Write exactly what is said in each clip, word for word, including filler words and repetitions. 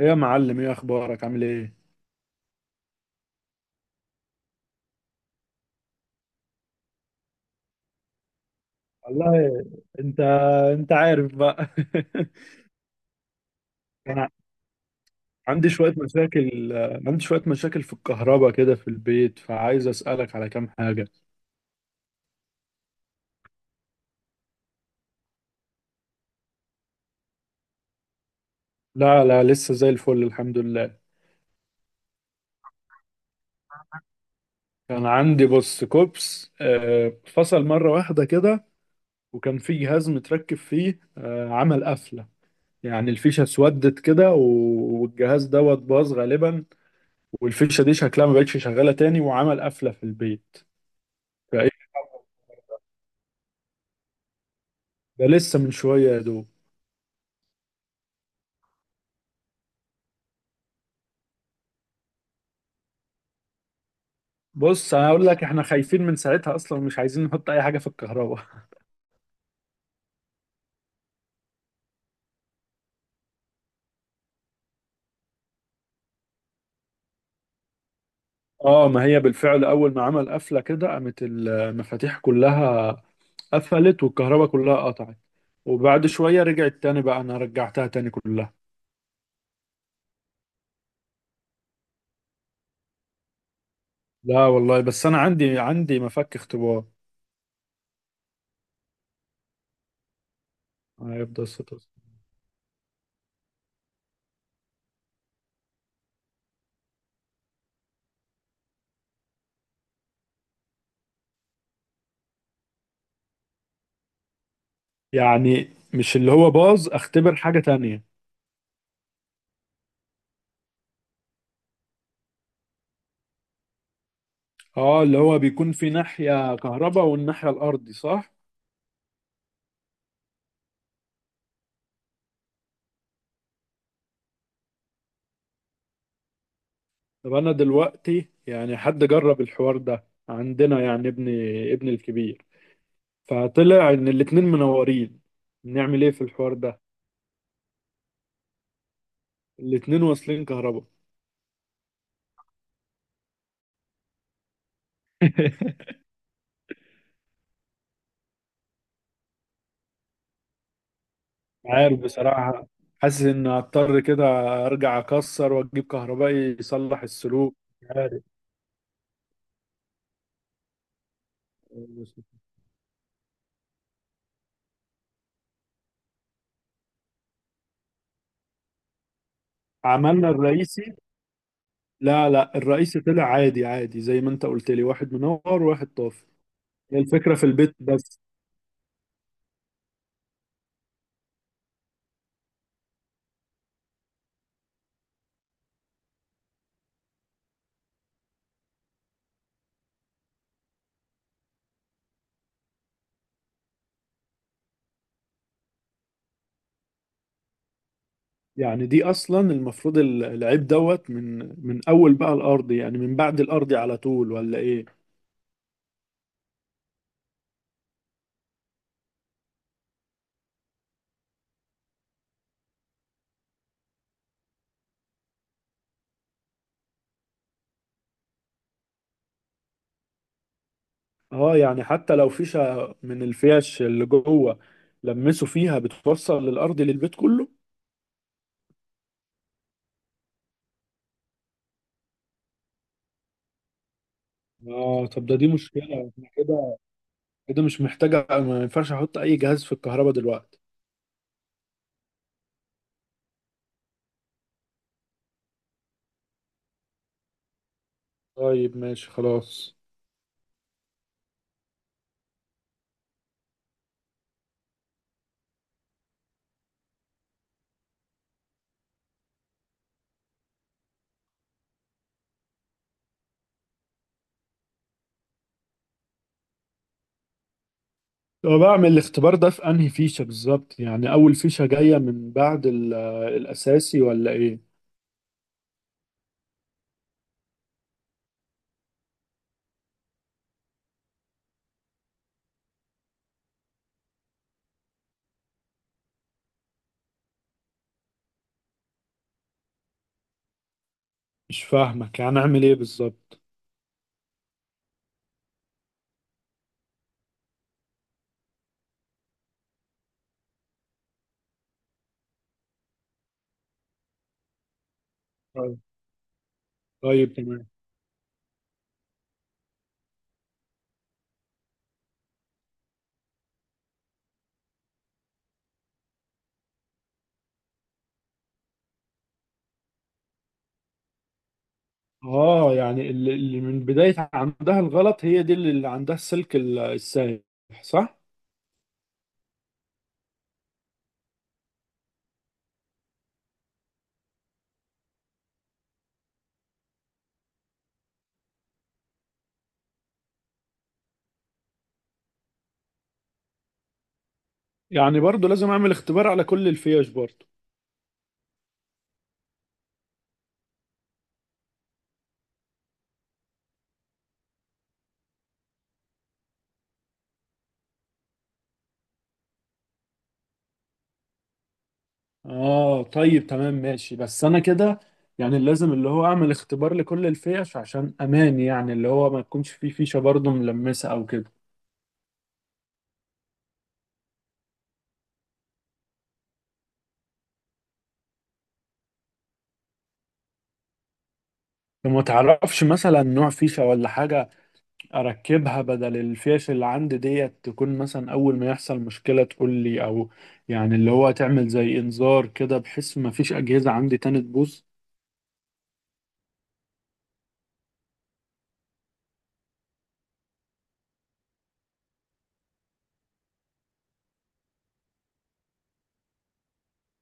ايه يا معلم؟ ايه اخبارك؟ عامل ايه؟ والله. انت انت عارف بقى. انا عندي شويه مشاكل، عندي شويه مشاكل في الكهرباء كده في البيت، فعايز اسالك على كام حاجه. لا لا، لسه زي الفل، الحمد لله. كان عندي، بص، كوبس آه، فصل مره واحده كده. وكان في جهاز متركب فيه، آه، عمل قفله. يعني الفيشه اسودت كده و- والجهاز دوت باظ غالبا. والفيشه دي شكلها ما بقتش شغاله تاني، وعمل قفله في البيت. فايه، ده لسه من شوية يا دوب. بص، انا اقول لك احنا خايفين من ساعتها اصلا، ومش عايزين نحط اي حاجة في الكهرباء. اه، ما هي بالفعل اول ما عمل قفلة كده قامت المفاتيح كلها، قفلت، والكهرباء كلها قطعت. وبعد شوية رجعت تاني، بقى انا رجعتها تاني كلها. لا والله، بس انا عندي عندي مفك اختبار. هيفضل ستة أسابيع. يعني مش اللي هو باظ، اختبر حاجة تانية. اه، اللي هو بيكون في ناحية كهرباء والناحية الارضي، صح. طب انا دلوقتي، يعني حد جرب الحوار ده عندنا يعني، ابني ابني الكبير، فطلع ان الاتنين منورين. نعمل ايه في الحوار ده؟ الاتنين واصلين كهرباء. عارف، بصراحة حاسس ان هضطر كده ارجع اكسر واجيب كهربائي يصلح السلوك، مش عارف. عملنا الرئيسي. لا لا، الرئيسي طلع عادي عادي، زي ما انت قلت لي، واحد منور وواحد طافي. هي الفكرة في البيت بس. يعني دي اصلا المفروض ال- العيب دوت، من من اول بقى الارض، يعني من بعد الارض على طول ولا ايه؟ اه، يعني حتى لو فيشة من الفيش اللي جوه لمسوا فيها بتوصل للارض للبيت كله؟ اه، طب ده دي مشكلة. احنا كده كده مش محتاجة، ما ينفعش احط اي جهاز في الكهرباء دلوقتي. طيب ماشي، خلاص. طب بعمل الاختبار ده في انهي فيشة بالظبط؟ يعني اول فيشة جاية من بعد ال- الاساسي، ولا ايه؟ مش فاهمك، يعني اعمل ايه بالظبط؟ طيب، طيب، تمام. اه، يعني اللي اللي من بداية عندها الغلط هي دي اللي عندها السلك ال- السايح، صح؟ يعني برضو لازم اعمل اختبار على كل الفيش برضو؟ اه، طيب تمام ماشي، بس انا كده، يعني لازم اللي هو اعمل اختبار لكل الفيش عشان امان، يعني اللي هو ما يكونش فيه فيشة برضو ملمسة او كده. فما تعرفش مثلا نوع فيشة ولا حاجة اركبها بدل الفيش اللي عندي ديت، تكون مثلا اول ما يحصل مشكلة تقول لي، او يعني اللي هو تعمل زي انذار كده، بحيث ما فيش اجهزة عندي تاني تبوظ؟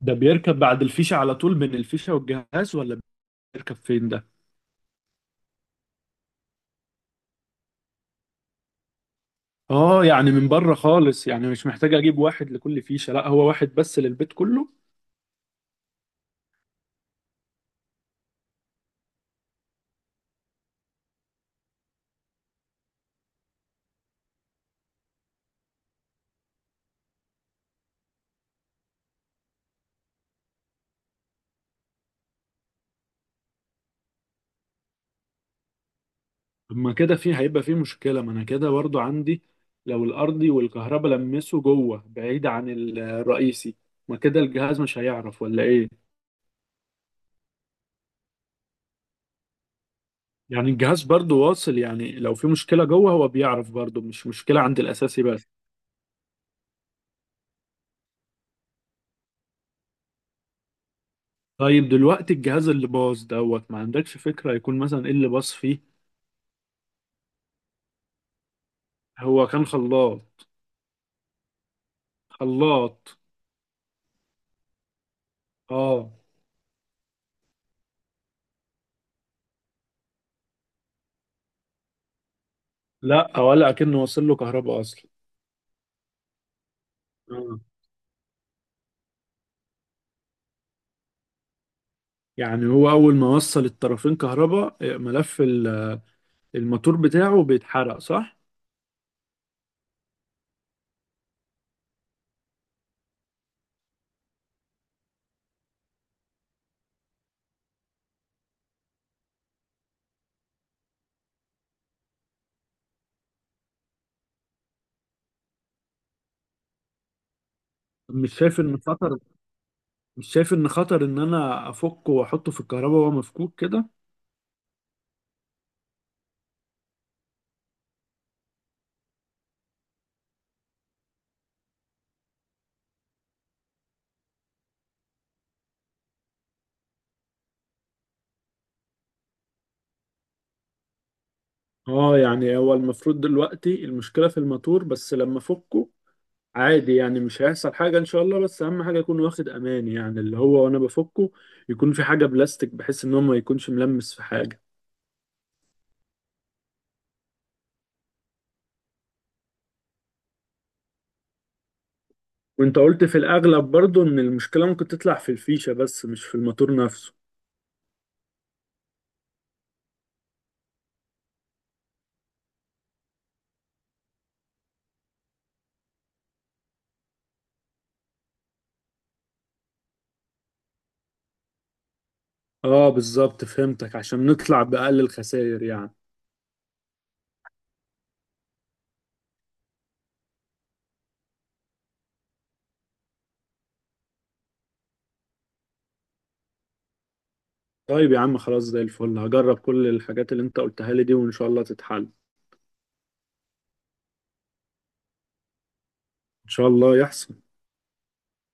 ده بيركب بعد الفيشة على طول بين الفيشة والجهاز، ولا بيركب فين ده؟ اه، يعني من بره خالص؟ يعني مش محتاج اجيب واحد لكل فيشة، لا هو واحد بس للبيت كله. طب ما كده في هيبقى في مشكلة. ما انا كده برضو عندي، لو الارضي والكهرباء لمسوا جوه بعيد عن الرئيسي، ما كده الجهاز مش هيعرف، ولا ايه؟ يعني الجهاز برضو واصل، يعني لو في مشكلة جوه هو بيعرف، برضو مش مشكلة عند الأساسي بس. طيب دلوقتي الجهاز اللي باظ دوت، ما عندكش فكرة يكون مثلا ايه اللي باظ فيه؟ هو كان خلاط. خلاط. اه. لا، ولا أكنه وصل له كهرباء أصلا. آه. يعني هو أول ما وصل الطرفين كهرباء، آه، ملف ال- الموتور بتاعه بيتحرق، صح؟ مش شايف إن خطر؟ مش شايف إن خطر إن أنا أفكه وأحطه في الكهرباء وهو مفكوك كده؟ اه، يعني هو المفروض دلوقتي المشكلة في الماتور بس. لما فكه عادي، يعني مش هيحصل حاجة ان شاء الله، بس اهم حاجة يكون واخد امان، يعني اللي هو وانا بفكه يكون في حاجة بلاستيك، بحيث ان هو ما يكونش ملمس في حاجة. وانت قلت في الاغلب برضو ان المشكلة ممكن تطلع في الفيشة بس، مش في الماتور نفسه؟ اه، بالظبط، فهمتك، عشان نطلع بأقل الخسائر يعني. طيب يا عم، خلاص زي الفل، هجرب كل الحاجات اللي انت قلتها لي دي، وان شاء الله تتحل. ان شاء الله يحصل.